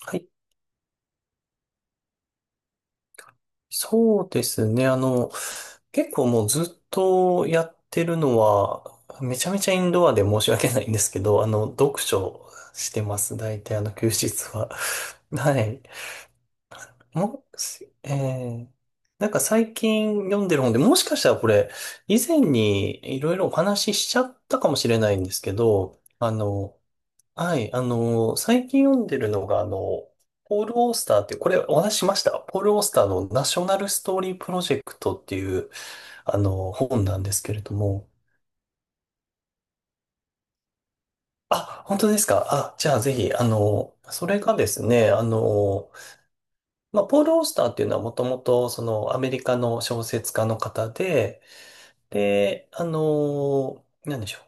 はい。そうですね。結構もうずっとやってるのは、めちゃめちゃインドアで申し訳ないんですけど、読書してます。大体休日は。はい。もし、えー、なんか最近読んでる本で、もしかしたらこれ、以前にいろいろお話ししちゃったかもしれないんですけど、はい、最近読んでるのが、ポール・オースターっていう、これお話ししました。ポール・オースターのナショナル・ストーリー・プロジェクトっていう、本なんですけれども。あ、本当ですか。あ、じゃあぜひ、それがですね、まあ、ポール・オースターっていうのはもともと、その、アメリカの小説家の方で、で、なんでしょ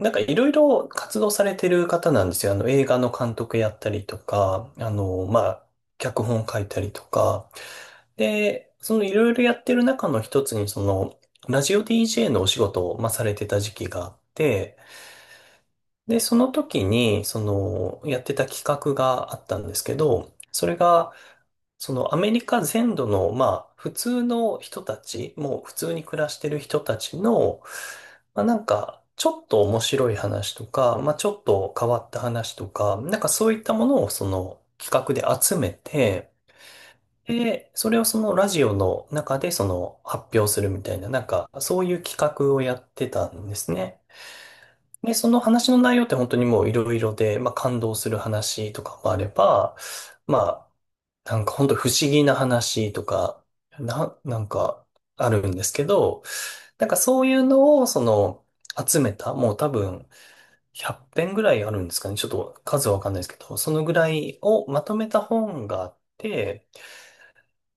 う。なんかいろいろ活動されてる方なんですよ。映画の監督やったりとか、まあ、脚本書いたりとか。で、そのいろいろやってる中の一つに、その、ラジオ DJ のお仕事を、まあ、されてた時期があって、で、その時に、その、やってた企画があったんですけど、それが、そのアメリカ全土の、まあ、普通の人たち、もう普通に暮らしてる人たちの、まあ、なんか、ちょっと面白い話とか、まあ、ちょっと変わった話とか、なんかそういったものをその企画で集めて、で、それをそのラジオの中でその発表するみたいな、なんかそういう企画をやってたんですね。で、その話の内容って本当にもういろいろで、まあ感動する話とかもあれば、まあなんかほんと不思議な話とか、なんかあるんですけど、なんかそういうのをその集めた、もう多分100編ぐらいあるんですかね。ちょっと数わかんないですけど、そのぐらいをまとめた本があって、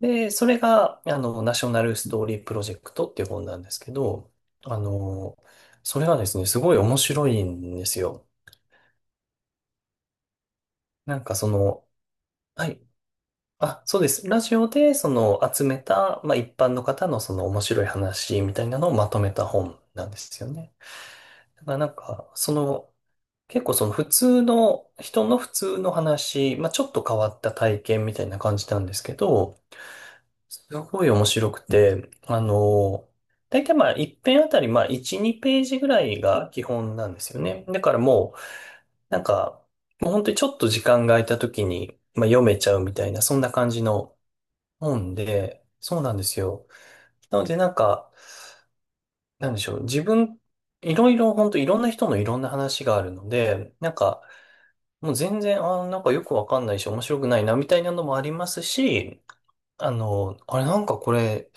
で、それがナショナルストーリープロジェクトっていう本なんですけど、あの、それはですね、すごい面白いんですよ。なんかその、はい。あ、そうです。ラジオで、その、集めた、まあ、一般の方のその面白い話みたいなのをまとめた本なんですよね。だからなんか、その、結構その普通の、人の普通の話、まあ、ちょっと変わった体験みたいな感じなんですけど、すごい面白くて、だいたいまあ、一編あたり、まあ、1、2ページぐらいが基本なんですよね。だからもう、なんか、もう本当にちょっと時間が空いた時に、まあ、読めちゃうみたいな、そんな感じの、思うんで、そうなんですよ。なのでなんか、なんでしょう。自分、いろいろ、本当いろんな人のいろんな話があるので、なんか、もう全然、なんかよくわかんないし、面白くないな、みたいなのもありますし、あれなんかこれ、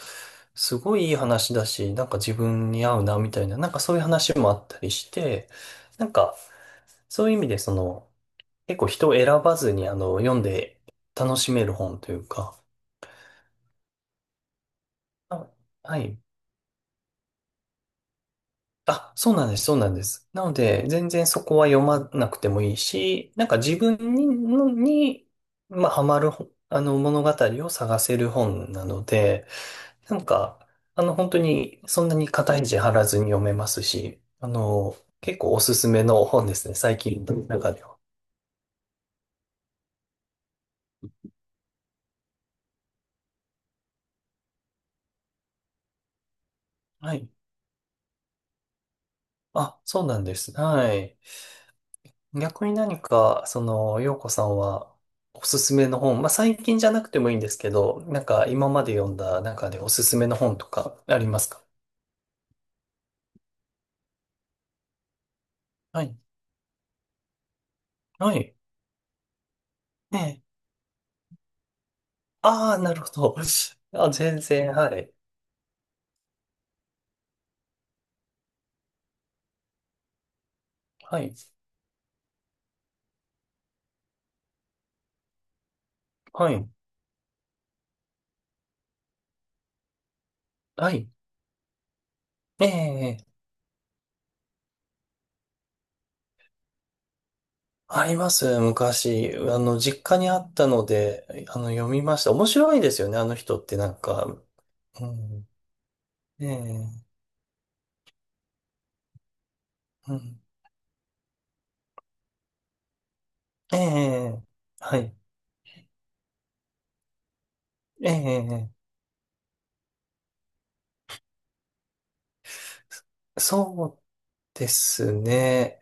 すごいいい話だし、なんか自分に合うな、みたいな、なんかそういう話もあったりして、なんか、そういう意味で、その、結構人を選ばずに、読んで楽しめる本というか、あ、はい。あ、そうなんです、そうなんです。なので、全然そこは読まなくてもいいし、なんか自分に、のにまあ、ハマる本、物語を探せる本なので、なんか、本当に、そんなに肩肘張らずに読めますし、結構おすすめの本ですね、最近の中では。はい。あ、そうなんです。はい。逆に何か、その、洋子さんは、おすすめの本、まあ、最近じゃなくてもいいんですけど、なんか、今まで読んだ中でおすすめの本とか、ありますか？はい。はい。ええ。ああ、なるほど。あ、全然、はい。はい。はい。はい。ええ、あります、昔。実家にあったので、読みました。面白いですよね、あの人ってなんか。うん。ええ、うん。ええ、はい。ええ、そうですね。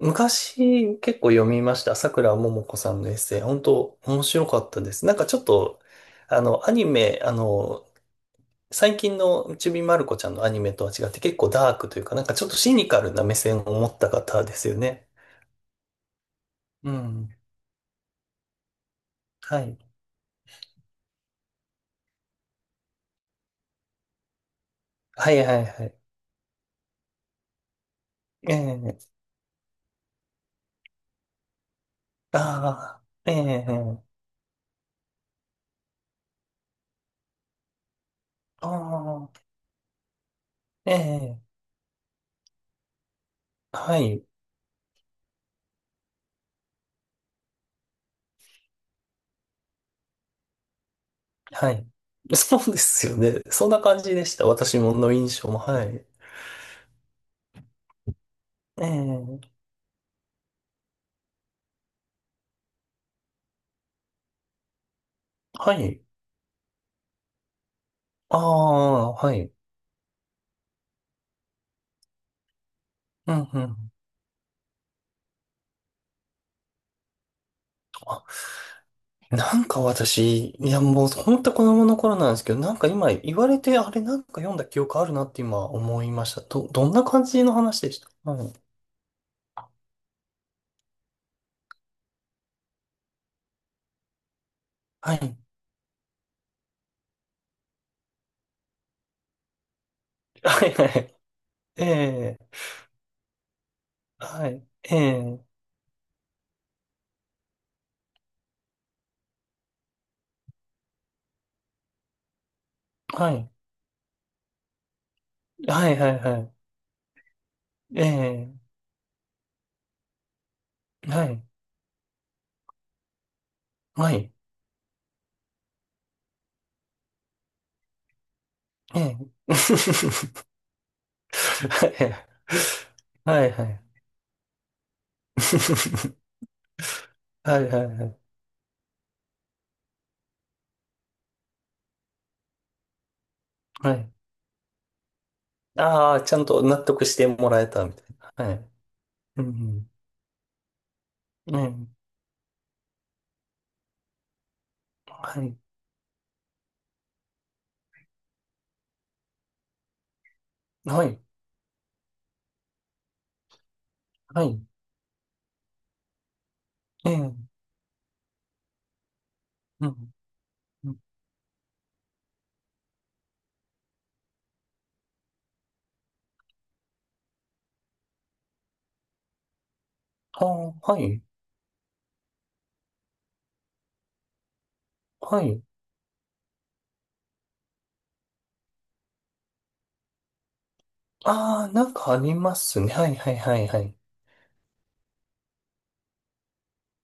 昔結構読みました。桜ももこさんのエッセイ。本当面白かったです。なんかちょっと、アニメ、最近のちびまる子ちゃんのアニメとは違って結構ダークというか、なんかちょっとシニカルな目線を持った方ですよね。うん。はい。はいはいはい。ええ。ああ、ええ。ああ、ええ。はい、はい。そうですよね。そんな感じでした。私もの印象も。はい。ええ。はい。ああ、はい。うん、うん。あ、なんか私、いやもう本当子供の頃なんですけど、なんか今言われて、あれなんか読んだ記憶あるなって今思いました。どんな感じの話でした？はい。はい。はいはい。ええ、はい。ええ、はい。はいはいはい。ええ、はい。はい。ええ。はいはい はい。はい はいはいはいはい。ああ、ちゃんと納得してもらえたみたいな。はい。うん。うん。はい。はい。はい。ええ。うん。うん。ああ、はい。はい。ああ、なんかありますね。はい、はい、はい、はい。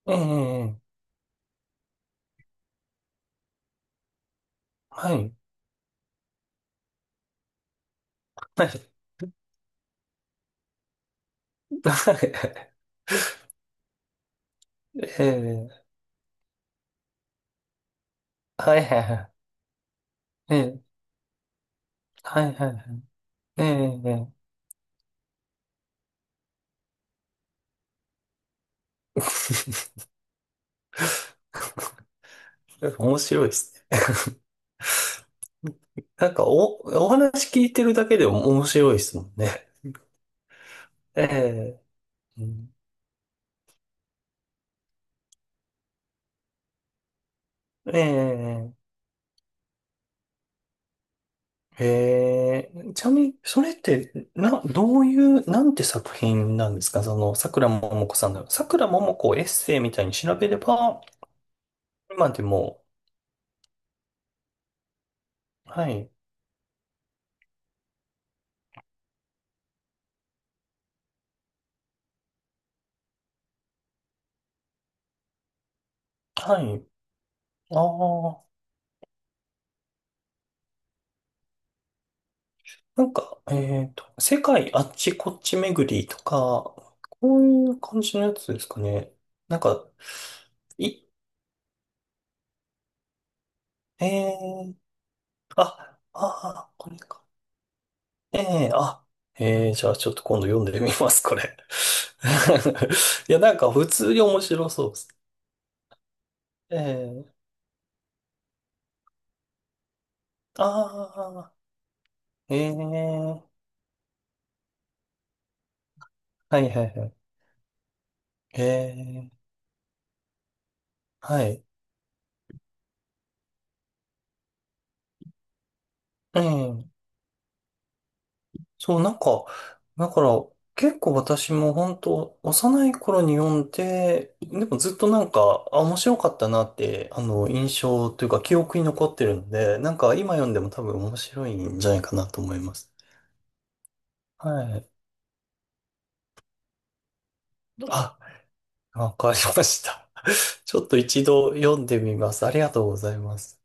ええ、はい。はい。ええ、はい、はい、はい。ええ、はい、はい、はい。ええ、面白いですね。なんかお話聞いてるだけでも面白いですもんね。ええ、うん。ええ、へえ、ちなみに、それって、な、どういう、なんて作品なんですかその、桜ももこさんの。桜ももこをエッセイみたいに調べれば、今でも、はい、はい、ああ、なんか、世界あっちこっち巡りとか、こういう感じのやつですかね。なんか、い、えー、あ、ああ、これか。ええ、あ、ええ、じゃあちょっと今度読んでみます、これ。いや、なんか普通に面白そうです。ええ、ああ、ええ、はいはいはい。ええ、はい。ええ、そう、なんか、だから結構私も本当幼い頃に読んで、でもずっとなんか、あ、面白かったなって、印象というか記憶に残ってるので、なんか今読んでも多分面白いんじゃないかなと思います。はい。あ、わかりました。ちょっと一度読んでみます。ありがとうございます。